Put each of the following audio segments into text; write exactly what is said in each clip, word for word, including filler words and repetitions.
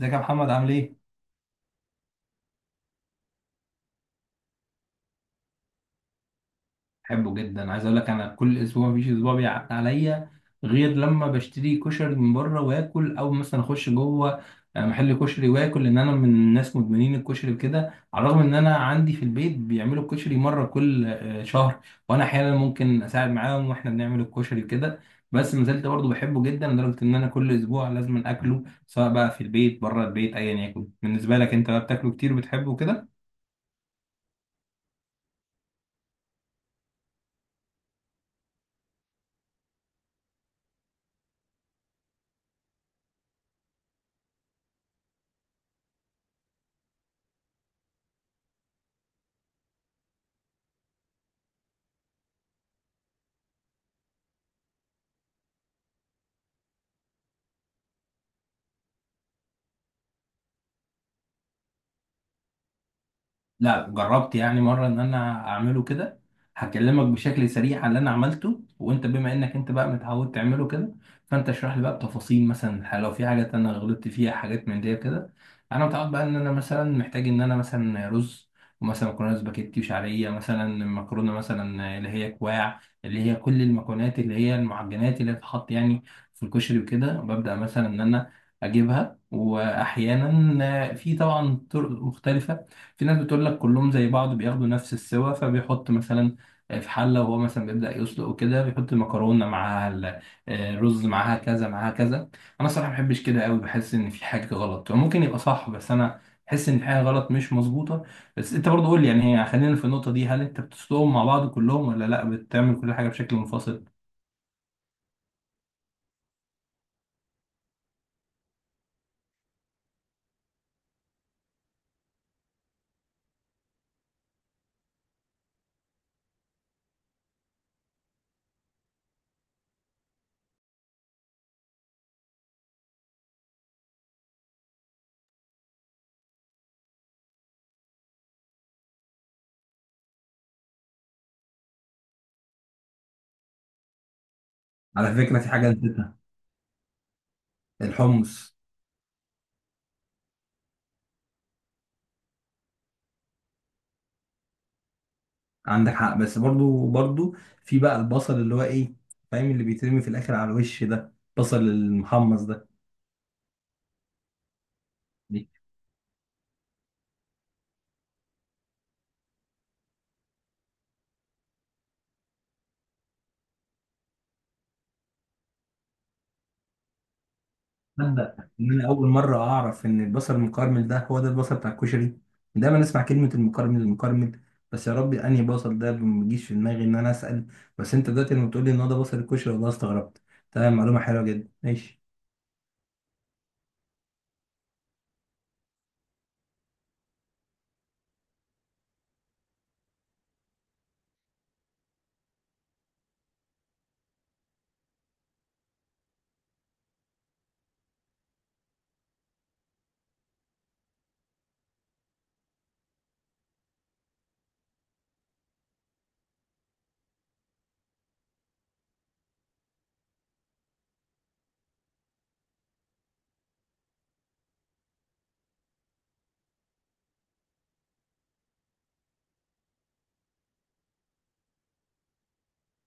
ازيك يا محمد عامل ايه؟ بحبه جدا، عايز اقول لك انا كل اسبوع مفيش اسبوع بيعدي عليا غير لما بشتري كشري من بره واكل، او مثلا اخش جوه آه، محل كشري واكل، لان انا من الناس مدمنين الكشري كده. على الرغم ان انا عندي في البيت بيعملوا الكشري مره كل آه، شهر، وانا احيانا ممكن اساعد معاهم واحنا بنعمل الكشري كده. بس ما زلت برضه بحبه جدا، لدرجه ان انا كل اسبوع لازم اكله، سواء بقى في البيت بره البيت ايا يكن. بالنسبه لك انت بقى، بتاكله كتير وبتحبه كده؟ لا، جربت يعني مرة ان انا اعمله كده. هكلمك بشكل سريع على اللي انا عملته، وانت بما انك انت بقى متعود تعمله كده، فانت اشرح لي بقى بتفاصيل، مثلا لو في حاجات انا غلطت فيها، حاجات من دي كده. انا متعود بقى ان انا مثلا محتاج ان انا مثلا رز، ومثلا مكرونه سباكيتي وشعريه، مثلا مكرونه مثلا اللي هي كواع، اللي هي كل المكونات اللي هي المعجنات اللي بتتحط يعني في الكشري، وكده ببدأ مثلا ان انا اجيبها. واحيانا في طبعا طرق مختلفة. في ناس بتقول لك كلهم زي بعض، بياخدوا نفس السوا، فبيحط مثلا في حلة وهو مثلا بيبدأ يسلق، وكده بيحط مكرونة معاها ال- الرز، معاها كذا معاها كذا. أنا صراحة ما بحبش كده قوي، بحس إن في حاجة غلط. ممكن يبقى صح، بس أنا بحس إن في حاجة غلط، مش مظبوطة. بس أنت برضه قول لي يعني، هي خلينا في النقطة دي، هل أنت بتسلقهم مع بعض كلهم، ولا لأ بتعمل كل حاجة بشكل منفصل؟ على فكرة في حاجة نسيتها، الحمص. عندك حق، بس برضو برضو في بقى البصل اللي هو ايه، فاهم، اللي بيترمي في الاخر على الوش ده، البصل المحمص ده. تصدق ان انا اول مره اعرف ان البصل المكرمل ده هو ده البصل بتاع الكشري؟ دايما اسمع كلمه المكرمل المكرمل، بس يا ربي انهي بصل ده؟ ما بيجيش في دماغي ان انا اسال. بس انت دلوقتي لما بتقول لي ان هو ده بصل الكشري، والله استغربت. تمام، معلومه حلوه جدا، ماشي.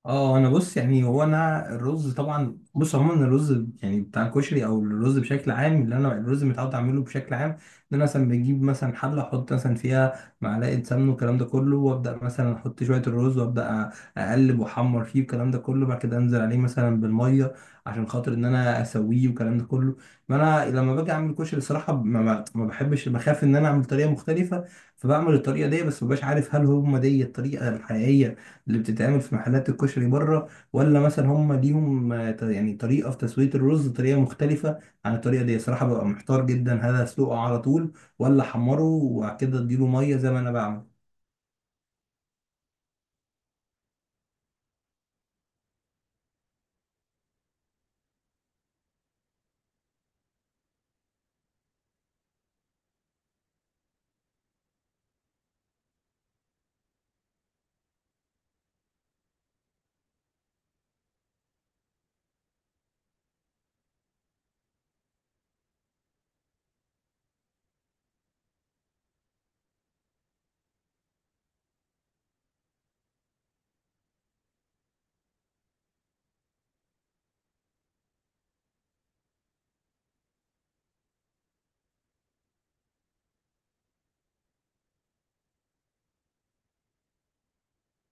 اه انا بص، يعني هو انا الرز طبعا، بص عموما الرز يعني بتاع الكشري، او الرز بشكل عام، اللي انا الرز متعود اعمله بشكل عام، ان انا مثلا بجيب مثلا حله، احط مثلا فيها معلقه سمن والكلام ده كله، وابدا مثلا احط شويه الرز، وابدا أ- اقلب واحمر فيه والكلام ده كله، بعد كده انزل عليه مثلا بالميه عشان خاطر ان انا اسويه والكلام ده كله. ما انا لما باجي اعمل كشري، الصراحه ما, ما ما بحبش، بخاف ان انا اعمل طريقه مختلفه، فبعمل الطريقه دي. بس مبقاش عارف هل هم دي الطريقه الحقيقيه اللي بتتعمل في محلات الكشري بره، ولا مثلا هم ليهم آه، ت- يعني طريقة في تسوية الرز طريقة مختلفة عن الطريقة دي. صراحة ببقى محتار جدا، هل اسلقه على طول، ولا احمره وبعد كده اديله مية زي ما انا بعمل؟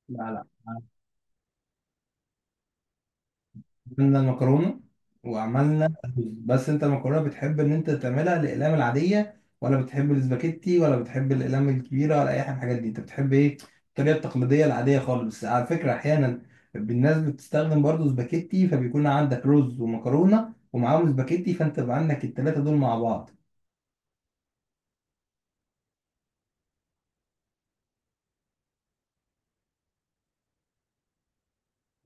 لا. لا. عملنا المكرونة وعملنا الرز. بس انت المكرونة بتحب ان انت تعملها الأقلام العادية، ولا بتحب الاسباجيتي، ولا بتحب الأقلام الكبيرة، ولا أي حاجة من الحاجات دي؟ انت بتحب ايه؟ الطريقة التقليدية العادية خالص. بس على فكرة أحيانا الناس بتستخدم برضو اسباجيتي، فبيكون عندك رز ومكرونة ومعاهم اسباجيتي، فانت بقى عندك التلاتة دول مع بعض.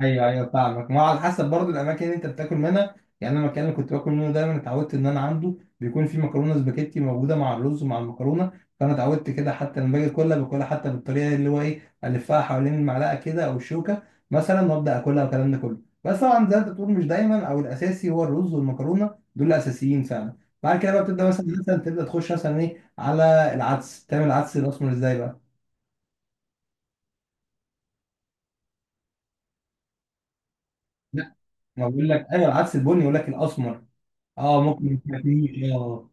ايوه، ايوه، فاهمك. ما هو على حسب برضو الاماكن اللي انت بتاكل منها. يعني انا المكان اللي كنت باكل منه دايما اتعودت ان انا عنده بيكون في مكرونه سباكيتي موجوده مع الرز ومع المكرونه، فانا اتعودت كده. حتى لما باجي اكلها باكلها حتى بالطريقه اللي هو ايه، الفها حوالين المعلقه كده او الشوكه مثلا، وابدا اكلها والكلام ده كله. بس طبعا زي ما انت بتقول، مش دايما، او الاساسي هو الرز والمكرونه، دول الاساسيين فعلا. بعد كده بقى بتبدا مثلا، مثلا تبدا تخش مثلا ايه على العدس. تعمل العدس الاسمر ازاي بقى؟ لا، ما بقول لك ايوه، العدس البني، يقول لك الاسمر. اه، ممكن ما تاكلوش. اه.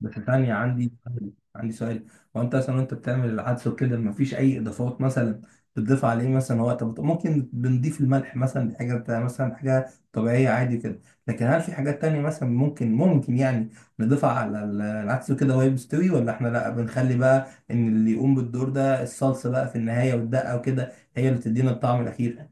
بس ثانية، عندي سؤال- عندي سؤال. هو انت مثلا وانت بتعمل العدس وكده، مفيش اي اضافات مثلا بتضيف عليه مثلا؟ هو طب ممكن بنضيف الملح مثلا، دي حاجة بتاع- مثلا حاجة طبيعية عادي كده. لكن هل في حاجات تانية مثلا ممكن ممكن يعني نضيفها على ال- العدس وكده وهي مستوي، ولا احنا لا بنخلي بقى ان اللي يقوم بالدور ده الصلصة بقى في النهاية، والدقة وكده هي اللي تدينا الطعم الأخير؟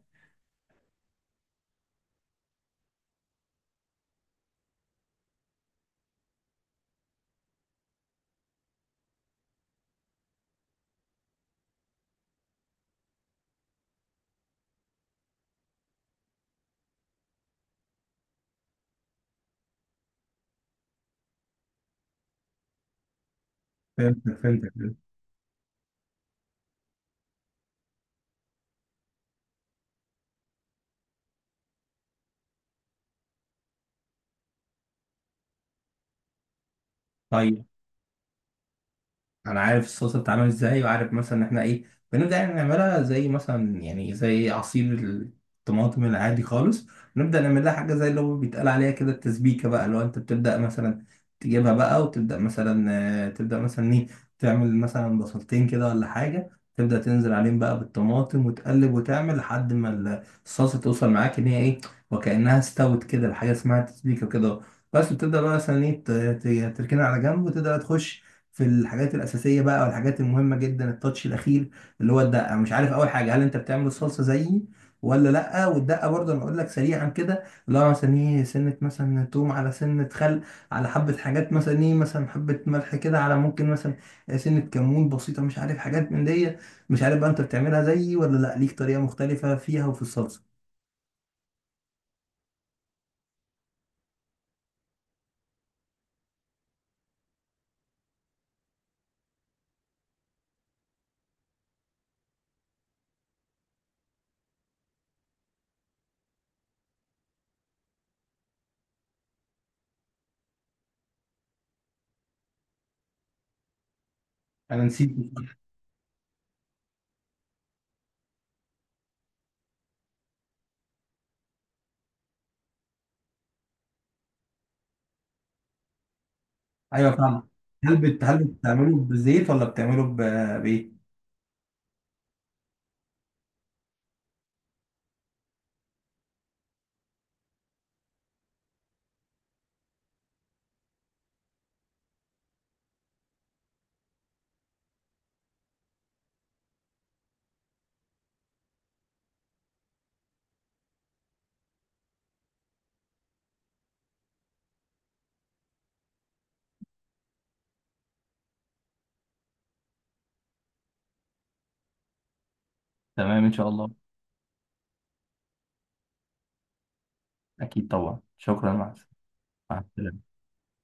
فهمتك، فهمتك. طيب، انا عارف الصلصه بتتعمل ازاي، وعارف مثلا ان احنا ايه، بنبدا يعني نعملها زي مثلا يعني زي عصير الطماطم العادي خالص. نبدا نعمل لها حاجه زي اللي هو بيتقال عليها كده التسبيكه بقى. لو انت بتبدا مثلا تجيبها بقى، وتبدا مثلا آه، تبدا مثلا ايه، تعمل مثلا بصلتين كده ولا حاجه، تبدا تنزل عليهم بقى بالطماطم وتقلب، وتعمل لحد ما الصلصه توصل معاك ان هي ايه وكانها استوت كده، الحاجه اسمها تسبيكه كده. بس بتبدا بقى مثلا ايه، ت- ت- تركنها على جنب وتبدا تخش في الحاجات الأساسية بقى، أو الحاجات المهمة جدا، التاتش الأخير اللي هو الدقة. مش عارف أول حاجة، هل أنت بتعمل الصلصة زيي ولا لأ؟ والدقة برضه أنا أقول لك سريعا كده، اللي هو مثلا إيه، سنة مثلا توم على سنة خل، على حبة حاجات مثلا إيه، مثلا حبة ملح كده، على ممكن مثلا سنة كمون بسيطة، مش عارف حاجات من دي. مش عارف بقى أنت بتعملها زيي ولا لأ، ليك طريقة مختلفة فيها وفي الصلصة؟ أنا نسيت. أيوه، فاهم. هل بت... هل بتعمله بزيت ولا بتعمله ب... بإيه؟ تمام إن شاء الله. أكيد طبعا، شكرا معك. مع السلامة.